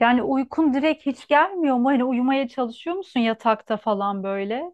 Yani uykun direkt hiç gelmiyor mu? Hani uyumaya çalışıyor musun yatakta falan böyle?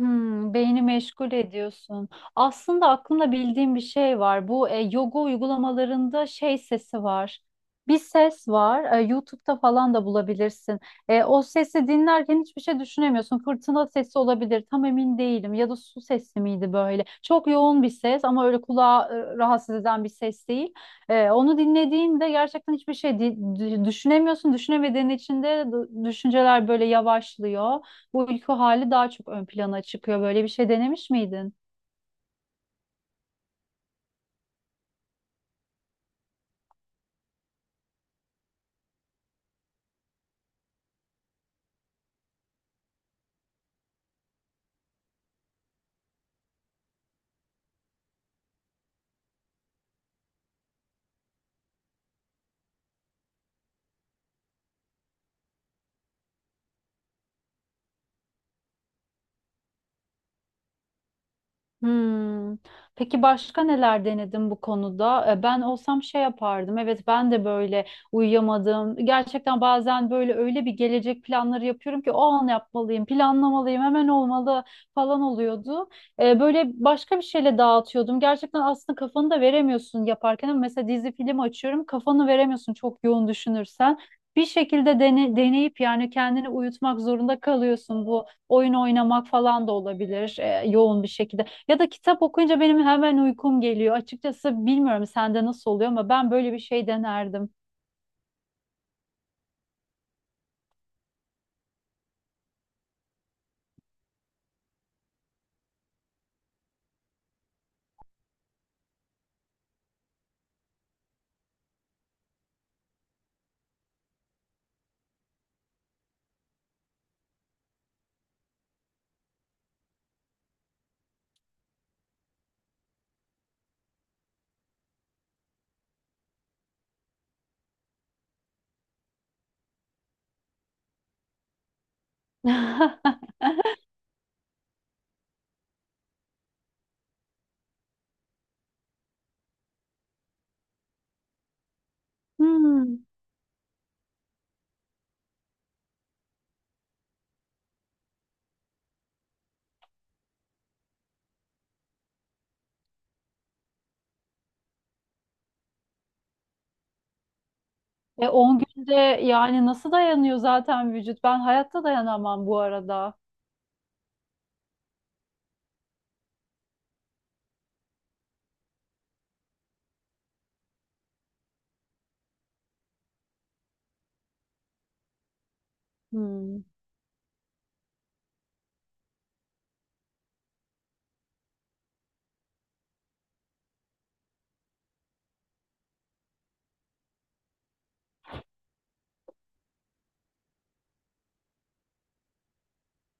Beyni meşgul ediyorsun. Aslında aklımda bildiğim bir şey var. Bu yoga uygulamalarında şey sesi var. Bir ses var. YouTube'da falan da bulabilirsin. O sesi dinlerken hiçbir şey düşünemiyorsun. Fırtına sesi olabilir. Tam emin değilim. Ya da su sesi miydi böyle? Çok yoğun bir ses ama öyle kulağı rahatsız eden bir ses değil. Onu dinlediğinde gerçekten hiçbir şey düşünemiyorsun. Düşünemediğin için de düşünceler böyle yavaşlıyor, bu uyku hali daha çok ön plana çıkıyor. Böyle bir şey denemiş miydin? Hmm. Peki başka neler denedin bu konuda? Ben olsam şey yapardım. Evet, ben de böyle uyuyamadım. Gerçekten bazen böyle öyle bir gelecek planları yapıyorum ki o an yapmalıyım, planlamalıyım, hemen olmalı falan oluyordu. Böyle başka bir şeyle dağıtıyordum. Gerçekten aslında kafanı da veremiyorsun yaparken. Ama mesela dizi film açıyorum, kafanı veremiyorsun çok yoğun düşünürsen. Bir şekilde deneyip yani kendini uyutmak zorunda kalıyorsun. Bu oyun oynamak falan da olabilir yoğun bir şekilde. Ya da kitap okuyunca benim hemen uykum geliyor. Açıkçası bilmiyorum sende nasıl oluyor ama ben böyle bir şey denerdim. Hmm. 10 günde yani nasıl dayanıyor zaten vücut? Ben hayatta dayanamam bu arada. Hmm.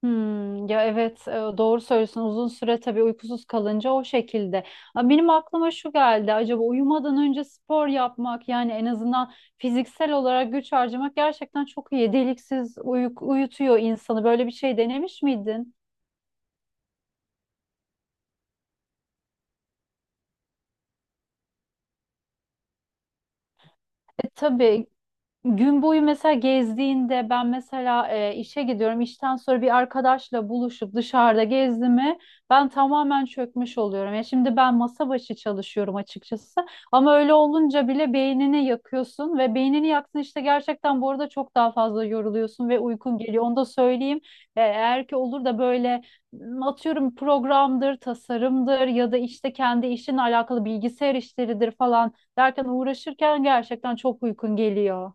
Hmm. Ya, evet, doğru söylüyorsun. Uzun süre tabii uykusuz kalınca o şekilde. Ha, benim aklıma şu geldi. Acaba uyumadan önce spor yapmak yani en azından fiziksel olarak güç harcamak gerçekten çok iyi. Deliksiz uyutuyor insanı. Böyle bir şey denemiş miydin? Tabii. Gün boyu mesela gezdiğinde ben mesela işe gidiyorum. İşten sonra bir arkadaşla buluşup dışarıda gezdiğimi ben tamamen çökmüş oluyorum. Ya şimdi ben masa başı çalışıyorum açıkçası. Ama öyle olunca bile beynini yakıyorsun ve beynini yaksın işte gerçekten bu arada çok daha fazla yoruluyorsun ve uykun geliyor. Onu da söyleyeyim. Eğer ki olur da böyle atıyorum programdır, tasarımdır ya da işte kendi işinle alakalı bilgisayar işleridir falan derken uğraşırken gerçekten çok uykun geliyor.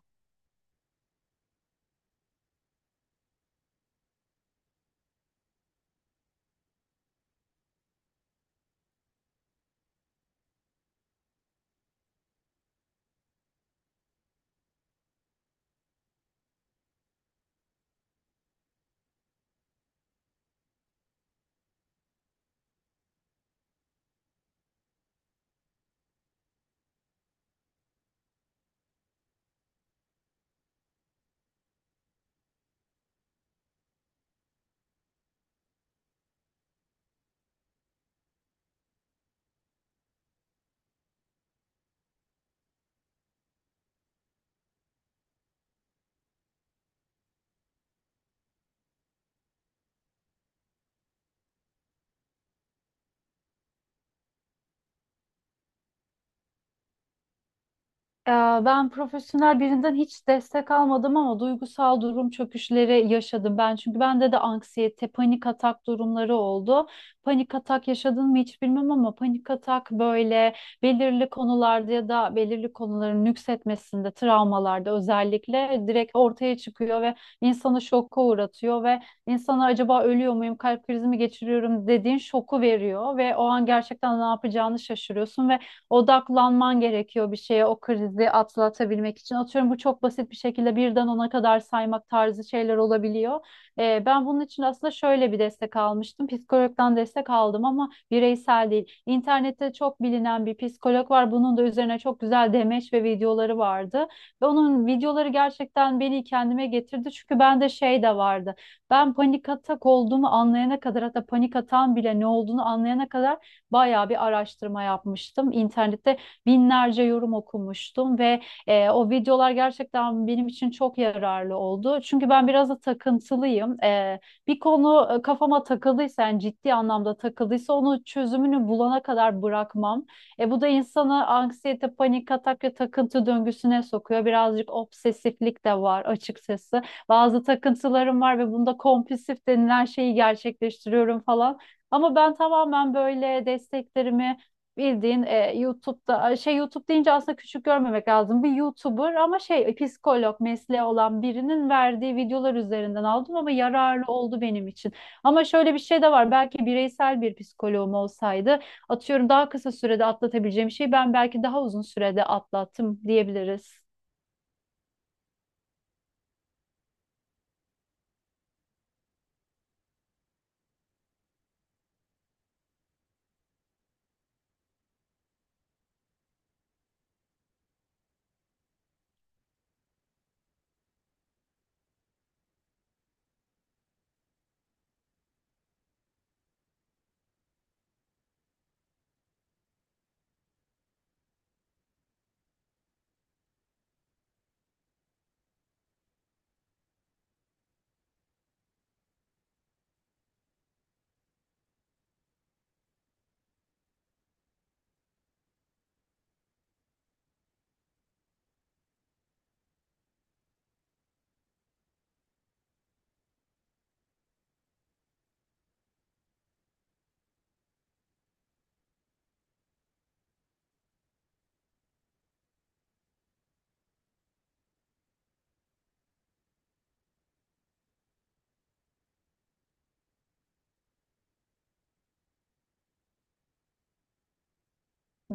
Ee, Ben profesyonel birinden hiç destek almadım ama duygusal durum çöküşleri yaşadım ben. Çünkü bende de anksiyete, panik atak durumları oldu. Panik atak yaşadın mı hiç bilmem ama panik atak böyle belirli konularda ya da belirli konuların nüksetmesinde, travmalarda özellikle direkt ortaya çıkıyor ve insanı şoka uğratıyor ve insana acaba ölüyor muyum, kalp krizi mi geçiriyorum dediğin şoku veriyor ve o an gerçekten ne yapacağını şaşırıyorsun ve odaklanman gerekiyor bir şeye o krizi atlatabilmek için. Atıyorum bu çok basit bir şekilde birden ona kadar saymak tarzı şeyler olabiliyor. Ben bunun için aslında şöyle bir destek almıştım. Psikologdan destek aldım ama bireysel değil. İnternette çok bilinen bir psikolog var. Bunun da üzerine çok güzel demeç ve videoları vardı. Ve onun videoları gerçekten beni kendime getirdi. Çünkü bende şey de vardı. Ben panik atak olduğumu anlayana kadar hatta panik atağın bile ne olduğunu anlayana kadar bayağı bir araştırma yapmıştım. İnternette binlerce yorum okumuştum ve o videolar gerçekten benim için çok yararlı oldu. Çünkü ben biraz da takıntılıyım. Bir konu kafama takıldıysa, yani ciddi anlamda takıldıysa onu çözümünü bulana kadar bırakmam. Bu da insanı anksiyete, panik atak ve takıntı döngüsüne sokuyor. Birazcık obsesiflik de var açıkçası. Bazı takıntılarım var ve bunda kompulsif denilen şeyi gerçekleştiriyorum falan. Ama ben tamamen böyle desteklerimi bildiğin YouTube'da şey YouTube deyince aslında küçük görmemek lazım. Bir YouTuber ama şey psikolog mesleği olan birinin verdiği videolar üzerinden aldım ama yararlı oldu benim için. Ama şöyle bir şey de var. Belki bireysel bir psikoloğum olsaydı atıyorum daha kısa sürede atlatabileceğim şeyi ben belki daha uzun sürede atlattım diyebiliriz.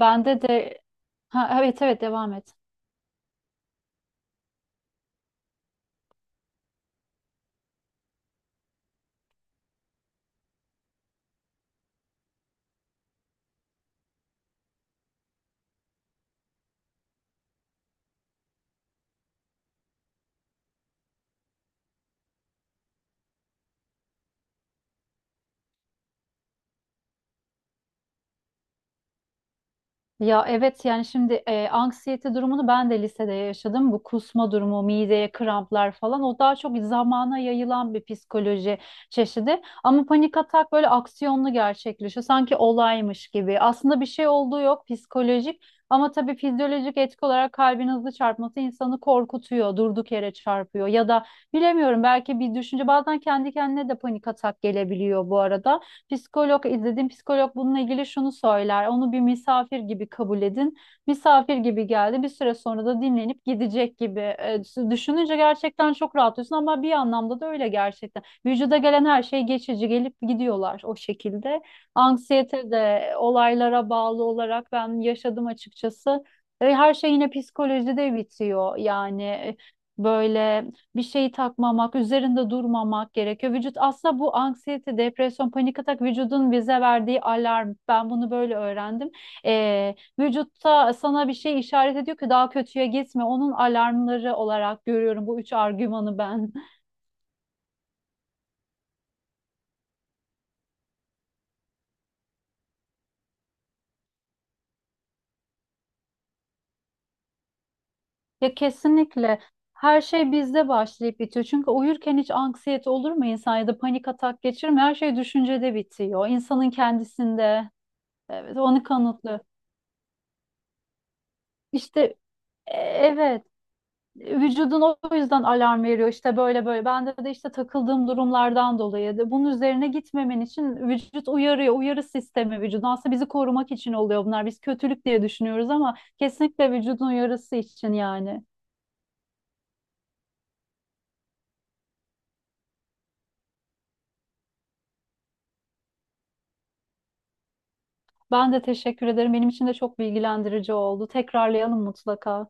Bende de, ha, evet, evet, devam et. Ya evet yani şimdi anksiyete durumunu ben de lisede yaşadım. Bu kusma durumu, mideye kramplar falan o daha çok zamana yayılan bir psikoloji çeşidi. Ama panik atak böyle aksiyonlu gerçekleşiyor. Sanki olaymış gibi. Aslında bir şey olduğu yok psikolojik ama tabii fizyolojik etki olarak kalbin hızlı çarpması insanı korkutuyor, durduk yere çarpıyor ya da bilemiyorum belki bir düşünce bazen kendi kendine de panik atak gelebiliyor bu arada. Psikolog izledim psikolog bununla ilgili şunu söyler. Onu bir misafir gibi kabul edin. Misafir gibi geldi. Bir süre sonra da dinlenip gidecek gibi. Düşününce gerçekten çok rahatlıyorsun ama bir anlamda da öyle gerçekten. Vücuda gelen her şey geçici gelip gidiyorlar o şekilde. Anksiyete de olaylara bağlı olarak ben yaşadım açıkçası. Her şey yine psikolojide bitiyor. Yani böyle bir şeyi takmamak, üzerinde durmamak gerekiyor. Vücut aslında bu anksiyete, depresyon, panik atak vücudun bize verdiği alarm. Ben bunu böyle öğrendim. Vücutta sana bir şey işaret ediyor ki daha kötüye gitme. Onun alarmları olarak görüyorum bu üç argümanı ben. Ya kesinlikle. Her şey bizde başlayıp bitiyor. Çünkü uyurken hiç anksiyete olur mu insan ya da panik atak geçirir mi? Her şey düşüncede bitiyor. İnsanın kendisinde. Evet, onu kanıtlıyor. İşte, evet. Vücudun o yüzden alarm veriyor işte böyle böyle. Bende de işte takıldığım durumlardan dolayı da bunun üzerine gitmemen için vücut uyarıyor. Uyarı sistemi vücudun. Aslında bizi korumak için oluyor bunlar. Biz kötülük diye düşünüyoruz ama kesinlikle vücudun uyarısı için yani. Ben de teşekkür ederim. Benim için de çok bilgilendirici oldu. Tekrarlayalım mutlaka.